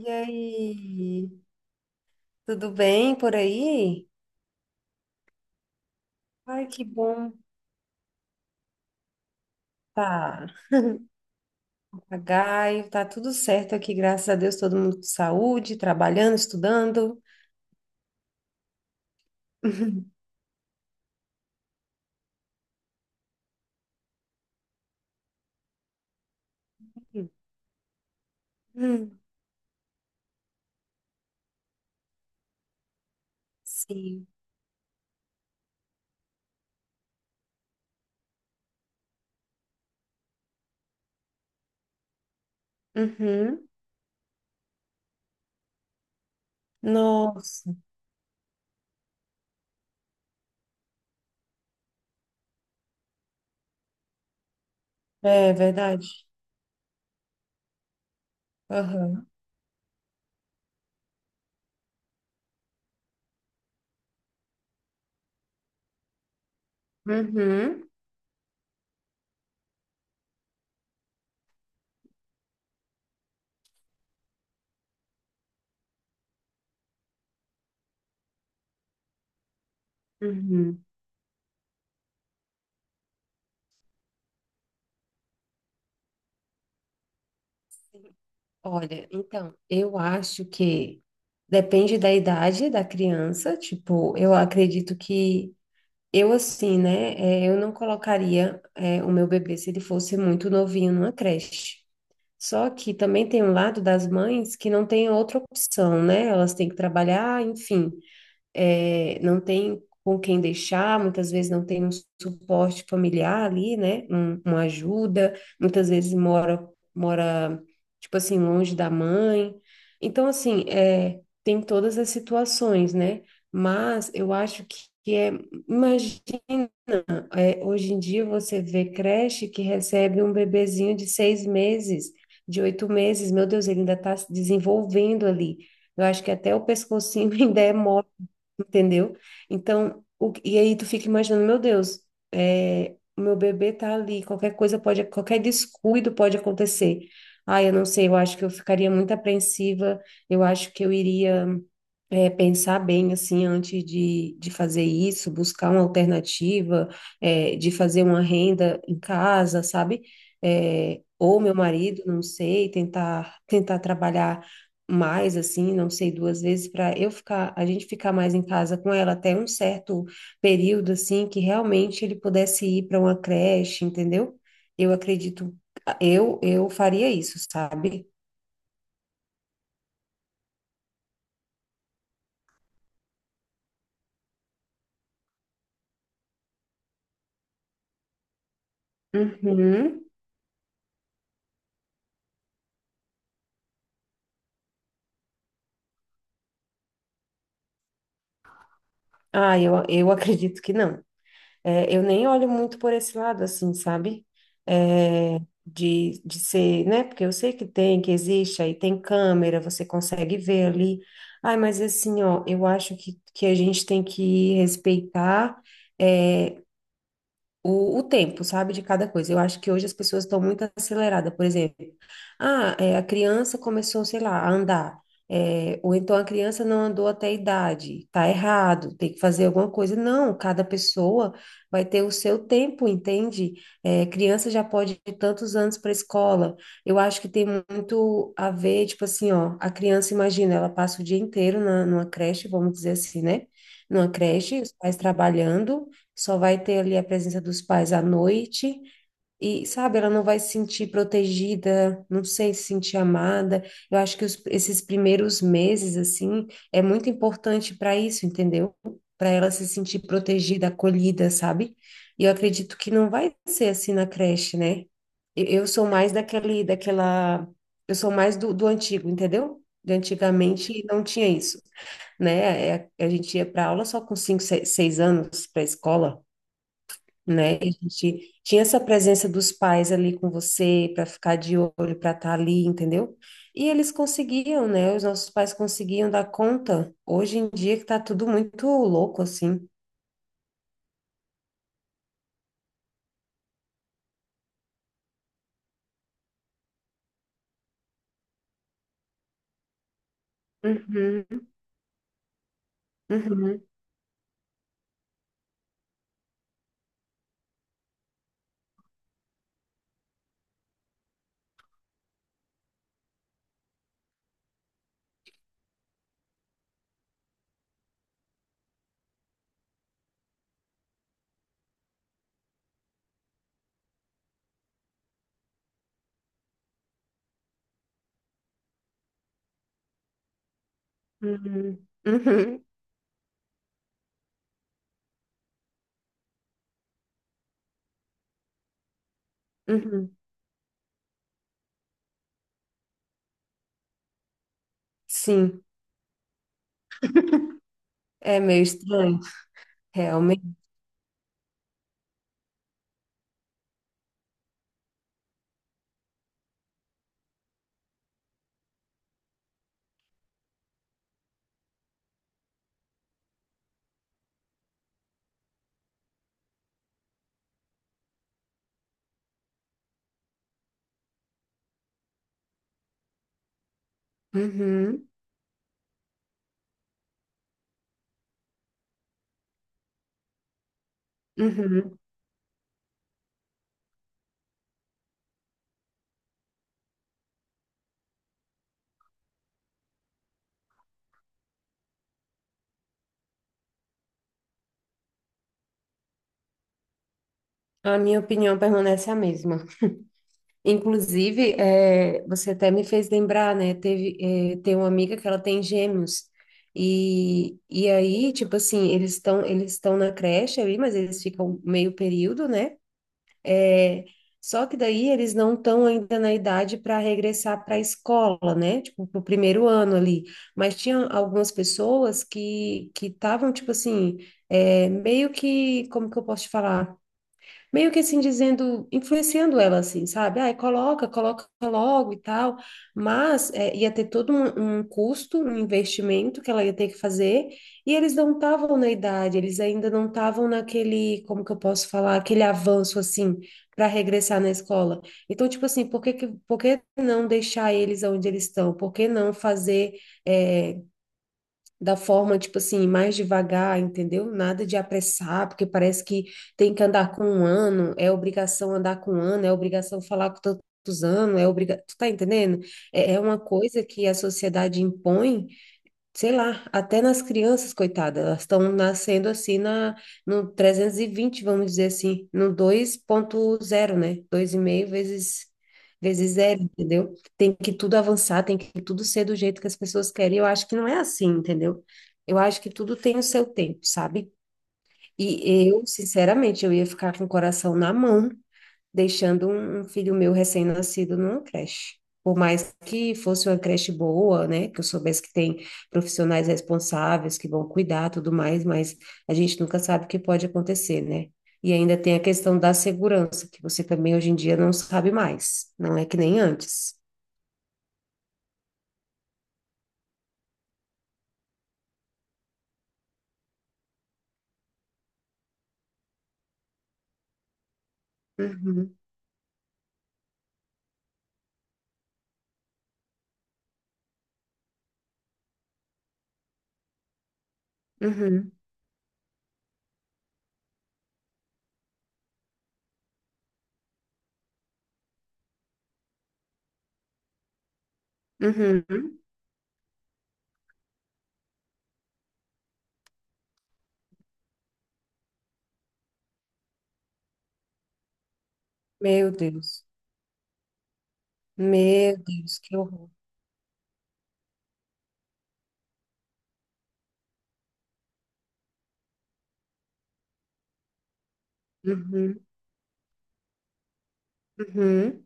E aí, tudo bem por aí? Ai, que bom. Tá, papagaio, tá tudo certo aqui, graças a Deus, todo mundo com saúde, trabalhando, estudando. Hum. Sim. Uhum. Nossa, é verdade. Aham. Uhum. Uhum. Olha, então, eu acho que depende da idade da criança, tipo, eu acredito que eu assim, né? Eu não colocaria o meu bebê se ele fosse muito novinho numa creche. Só que também tem um lado das mães que não tem outra opção, né? Elas têm que trabalhar, enfim é, não tem com quem deixar, muitas vezes não tem um suporte familiar ali, né? Uma ajuda, muitas vezes mora, tipo assim, longe da mãe. Então, assim, é, tem todas as situações, né? Mas eu acho que é, imagina, é, hoje em dia você vê creche que recebe um bebezinho de 6 meses, de 8 meses, meu Deus, ele ainda está se desenvolvendo ali. Eu acho que até o pescocinho ainda é mole. Entendeu? Então, e aí tu fica imaginando, meu Deus, é, o meu bebê tá ali, qualquer coisa pode, qualquer descuido pode acontecer. Ah, eu não sei, eu acho que eu ficaria muito apreensiva, eu acho que eu iria. Pensar bem assim antes de fazer isso, buscar uma alternativa, é, de fazer uma renda em casa, sabe? É, ou meu marido, não sei, tentar trabalhar mais assim, não sei, 2 vezes para eu ficar, a gente ficar mais em casa com ela até um certo período assim que realmente ele pudesse ir para uma creche, entendeu? Eu acredito, eu faria isso, sabe? Uhum. Ah, eu acredito que não. É, eu nem olho muito por esse lado, assim, sabe? É, de ser, né? Porque eu sei que tem, que existe, aí tem câmera, você consegue ver ali. Ai, mas assim, ó, eu acho que a gente tem que respeitar, é, o tempo, sabe, de cada coisa. Eu acho que hoje as pessoas estão muito aceleradas, por exemplo. Ah, é, a criança começou, sei lá, a andar. É, ou então a criança não andou até a idade, tá errado, tem que fazer alguma coisa. Não, cada pessoa vai ter o seu tempo, entende? É, criança já pode ir tantos anos para a escola. Eu acho que tem muito a ver, tipo assim, ó, a criança, imagina, ela passa o dia inteiro na, numa creche, vamos dizer assim, né? Numa creche, os pais trabalhando só vai ter ali a presença dos pais à noite e, sabe, ela não vai se sentir protegida, não sei, se sentir amada. Eu acho que esses primeiros meses, assim, é muito importante para isso, entendeu? Para ela se sentir protegida, acolhida, sabe? E eu acredito que não vai ser assim na creche, né? Eu sou mais daquele, daquela, eu sou mais do antigo, entendeu? De antigamente não tinha isso, né? É, a gente ia para aula só com cinco, seis anos para a escola, né? E a gente tinha essa presença dos pais ali com você para ficar de olho, para estar ali, entendeu? E eles conseguiam, né? Os nossos pais conseguiam dar conta. Hoje em dia que tá tudo muito louco assim. Uhum, uhum, uhum, uhum, uhum. Sim, é meio estranho, realmente. Uhum, uhum. A minha opinião permanece a mesma. Inclusive, você até me fez lembrar, né? Teve, tem uma amiga que ela tem gêmeos. E aí, tipo assim, eles estão na creche ali, mas eles ficam meio período, né? Eh, Só que daí eles não estão ainda na idade para regressar para a escola, né? Tipo, pro primeiro ano ali. Mas tinha algumas pessoas que estavam, tipo assim, é meio que, como que eu posso te falar? Meio que assim dizendo, influenciando ela assim, sabe? Ai, coloca, coloca logo e tal, mas é, ia ter todo um custo, um investimento que ela ia ter que fazer, e eles não estavam na idade, eles ainda não estavam naquele, como que eu posso falar, aquele avanço assim para regressar na escola. Então, tipo assim, por que não deixar eles onde eles estão? Por que não fazer é, da forma, tipo assim, mais devagar, entendeu? Nada de apressar, porque parece que tem que andar com um ano, é obrigação andar com um ano, é obrigação falar com tantos anos, é obrigação. Tu tá entendendo? É, é uma coisa que a sociedade impõe, sei lá, até nas crianças, coitadas, elas estão nascendo assim na, no 320, vamos dizer assim, no 2.0, né? Dois e meio vezes, vezes zero, entendeu? Tem que tudo avançar, tem que tudo ser do jeito que as pessoas querem. Eu acho que não é assim, entendeu? Eu acho que tudo tem o seu tempo, sabe? E eu, sinceramente, eu ia ficar com o coração na mão deixando um filho meu recém-nascido numa creche. Por mais que fosse uma creche boa, né, que eu soubesse que tem profissionais responsáveis que vão cuidar, tudo mais, mas a gente nunca sabe o que pode acontecer, né? E ainda tem a questão da segurança, que você também hoje em dia não sabe mais, não é que nem antes. Uhum, uhum, uhum. Meu Deus, meu Deus, que horror. Uhum, uhum,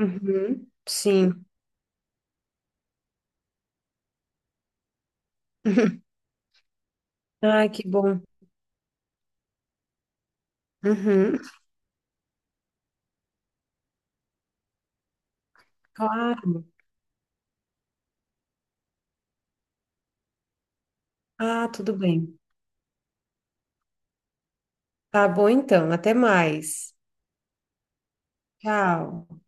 uhum. Sim. Ai, que bom. Uhum. Claro. Ah, tudo bem. Tá bom então. Até mais. Tchau.